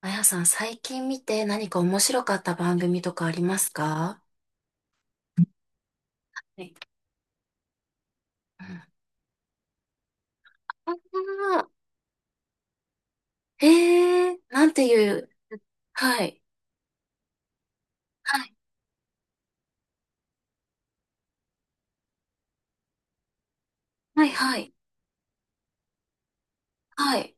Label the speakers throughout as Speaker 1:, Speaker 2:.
Speaker 1: あやさん、最近見て何か面白かった番組とかありますか？はい。うん。あー、へえ、なんていう、はい、はい、はい、はい、はい、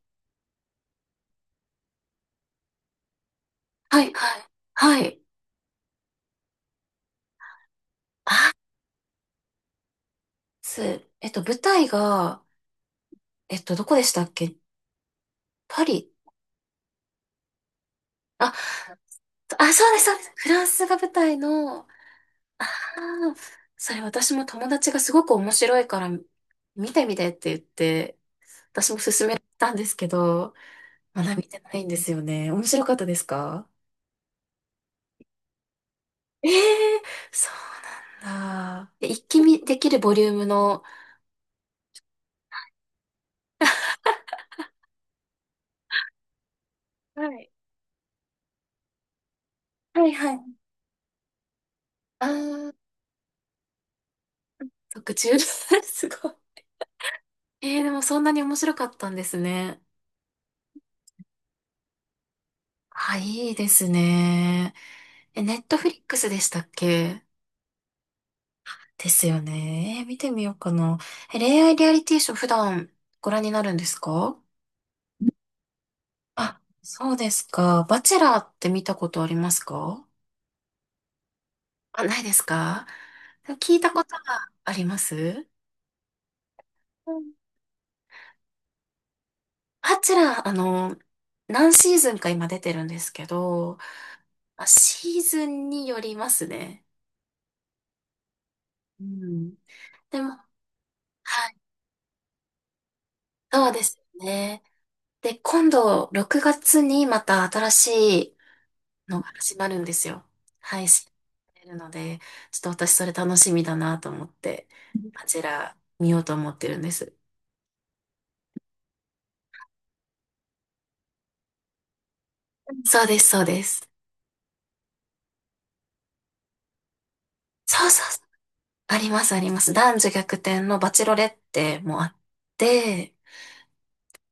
Speaker 1: はい、はい、はい。あ、す、舞台が、どこでしたっけ？パリ？あ、あ、そうです、そうです。フランスが舞台の、あ。あ、それ私も友達がすごく面白いから見てみてって言って、私も勧めたんですけど、花見てないんですよね。面白かったですか？ええ、そうなんだ。一気見できるボリュームの、はい。はいはい。ああ、特注 すごい。でもそんなに面白かったんですね。あ、いいですね。え、ネットフリックスでしたっけ？ですよね。見てみようかな。え、恋愛リアリティショー普段ご覧になるんですか？あ、そうですか。バチェラーって見たことありますか？あ、ないですか？でも聞いたことがあります。うん。あちら、何シーズンか今出てるんですけど、あ、シーズンによりますね。うん。でも、はい、そうですね。で、今度、6月にまた新しいのが始まるんですよ。配信されるので、ちょっと私それ楽しみだなと思って、あちら見ようと思ってるんです。そうです、そうです。そうそう。ありますあります。男女逆転のバチロレッテもあって、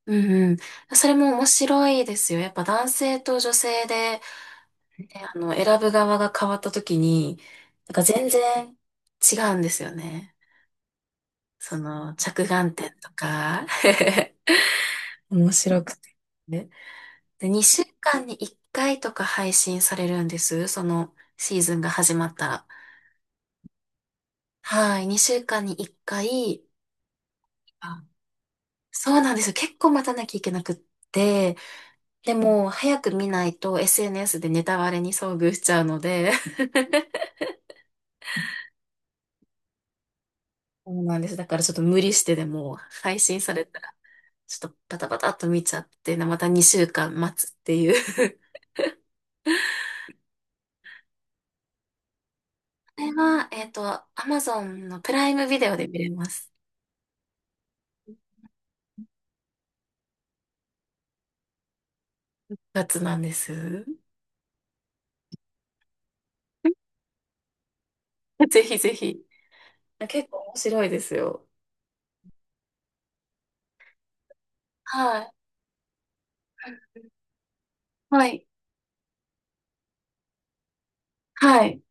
Speaker 1: うんうん。それも面白いですよ。やっぱ男性と女性で、え、選ぶ側が変わった時に、なんか全然違うんですよね。その、着眼点とか。面白くて。ね。で、2週間に1回とか配信されるんです。そのシーズンが始まったら。はい。2週間に1回、そうなんですよ。結構待たなきゃいけなくって、でも早く見ないと SNS でネタバレに遭遇しちゃうので、そうなんです。だからちょっと無理してでも配信されたら、ちょっとパタパタっと見ちゃって、また2週間待つっていう。これは、Amazon のプライムビデオで見れます。やつなんです。ぜひぜひ。結構面白いですよ。はい。はい。はい。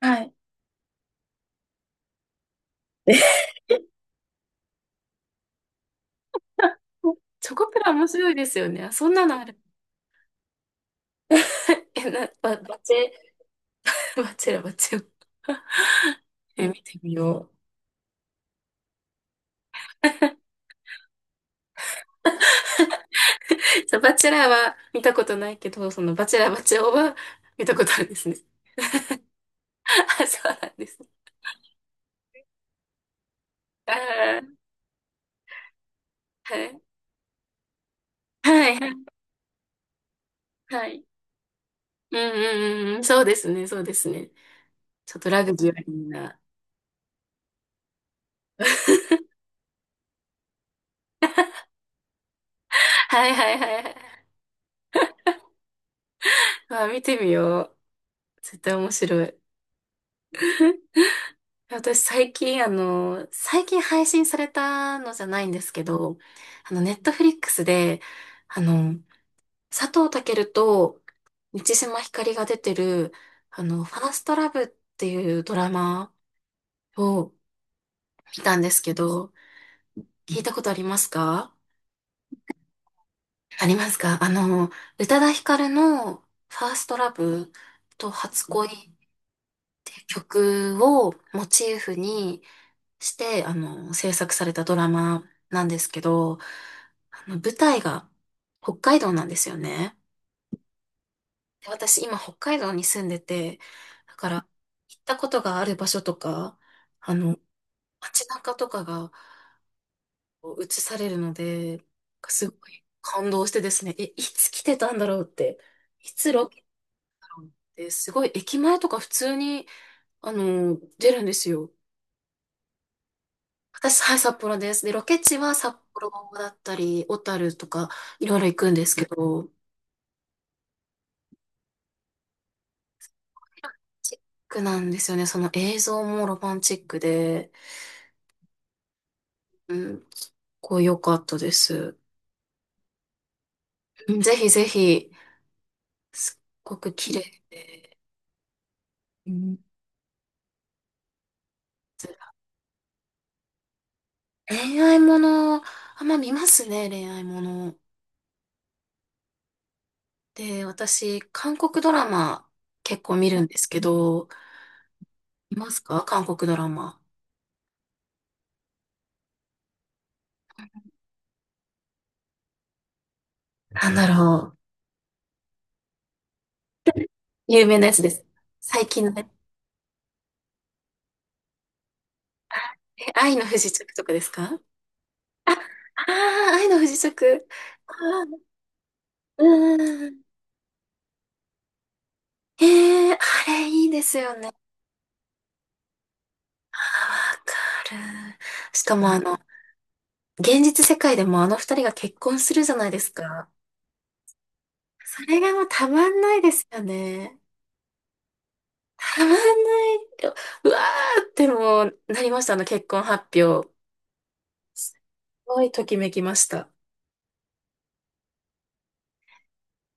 Speaker 1: はい。チョコプラ面白いですよね。そんなのある。え、な、ば、バチェ、バチェラ、バチェラ。え、見てみよう。そう、バチェラーは見たことないけど、そのバチェラー、バチェ男は見たことあるんですね。あ、そうなんですね。あー。はい。はい、はい、はい。うんうんうんうん、そうですね、そうですね。ちょっとラグジュアリーな。はいはいはいはい。まあ見てみよう。絶対面白い。私、最近配信されたのじゃないんですけど、ネットフリックスで、あの、佐藤健と満島ひかりが出てる、ファーストラブっていうドラマを見たんですけど、聞いたことありますか？ありますか？宇多田ヒカルのファーストラブと初恋っていう曲をモチーフに、して、制作されたドラマなんですけど、舞台が北海道なんですよね。で私、今、北海道に住んでて、だから、行ったことがある場所とか、あの、街中とかがこう映されるので、すごい感動してですね、いつ来てたんだろうって、いつロケだろうって、すごい駅前とか普通に、出るんですよ。私、はい、札幌です。で、ロケ地は札幌だったり、小樽とか、いろいろ行くんですけど、ロマンチックなんですよね。その映像もロマンチックで、うん、すっごい良かったです。うん、ぜひぜひ、すっごく綺麗で。うん。恋愛もの、あんま見ますね、恋愛もの。で、私、韓国ドラマ結構見るんですけど、見ますか？韓国ドラマ。なんだろう。有名なやつです。最近の。え、愛の不時着とかですか？あ、あ。あ、愛の不時着。あー、うん。えあれいいですよね。あー、わかる。しかも現実世界でもあの二人が結婚するじゃないですか。それがもうたまんないですよね。たまんない。うわーってもうなりました、あの結婚発表。すごいときめきました。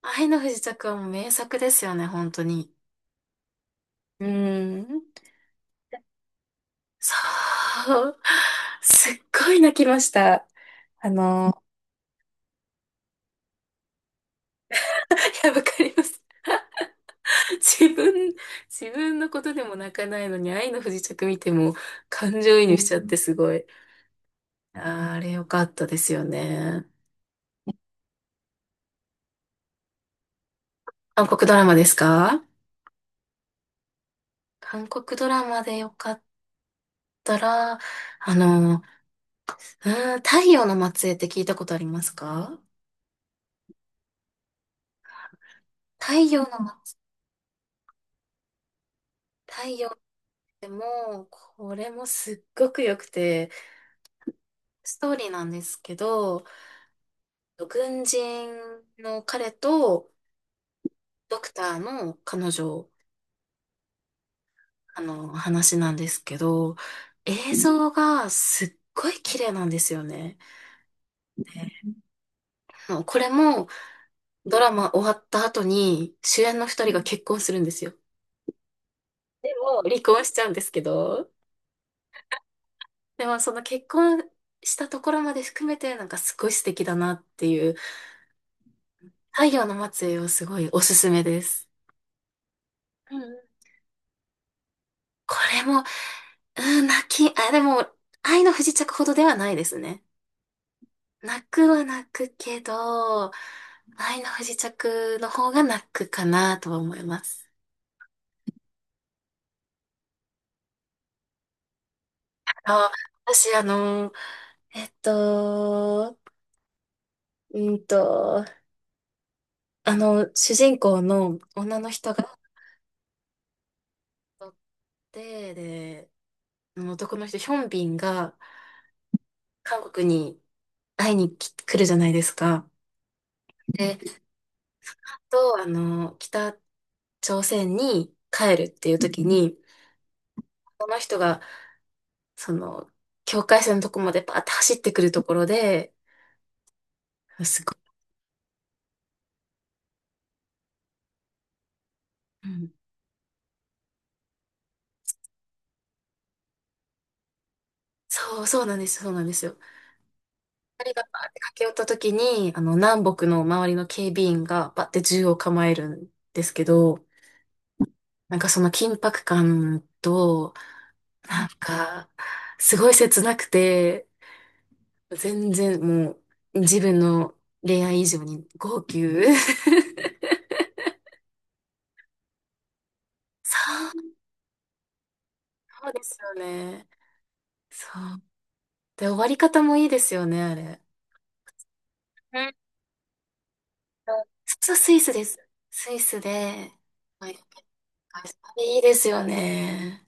Speaker 1: 愛の不時着はもう名作ですよね、本当に。うん。そう。すっごい泣きました。あの、いや、わかります。自分、自分のことでも泣かないのに、愛の不時着見ても感情移入しちゃってすごい。あー、あれ良かったですよね。韓国ドラマですか？韓国ドラマで良かったら、あの、太陽の末裔って聞いたことありますか？太陽のま、太陽ってもう、これもすっごく良くて、ストーリーなんですけど、軍人の彼とドクターの彼女、話なんですけど、映像がすっごい綺麗なんですよね。ね。これもドラマ終わった後に主演の二人が結婚するんですよ。でも離婚しちゃうんですけど、でもその結婚したところまで含めてなんかすごい素敵だなっていう、太陽の末裔をすごいおすすめです。うん。これも、うん、あ、でも、愛の不時着ほどではないですね。泣くは泣くけど、愛の不時着の方が泣くかなとは思います。あ、私、えっと、うんと、主人公の女の人があて、で、あの男の人、ヒョンビンが韓国に会いに来るじゃないですか。で、と、あの、北朝鮮に帰るっていう時に、この人が、その、境界線のとこまでパーって走ってくるところで、すごい、うん、そう、そうなんですよ、そうなんですよ。二人がパーって駆け寄った時に、南北の周りの警備員がパーって銃を構えるんですけど、なんかその緊迫感と、なんか、すごい切なくて、全然もう、自分の恋愛以上に号泣。そう、そうですよね。そう。で、終わり方もいいですよね、あれ。そう、スイスです。スイスで、あ、いいですよね。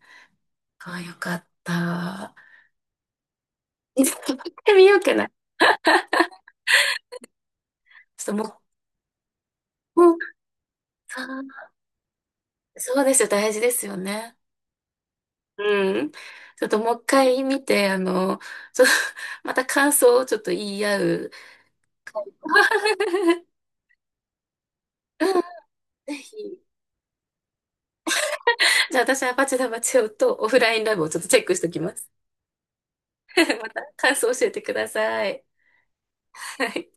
Speaker 1: あ、よかった。いつか行ってみようかな。ちょっともう、もう、そう、そうですよ。大事ですよね。うん。ちょっともう一回見て、ちょっと、また感想をちょっと言い合う。ぜひ。じゃあ私はバチェラバチェ男とオフラインラブをちょっとチェックしておきます。また感想教えてください。はい。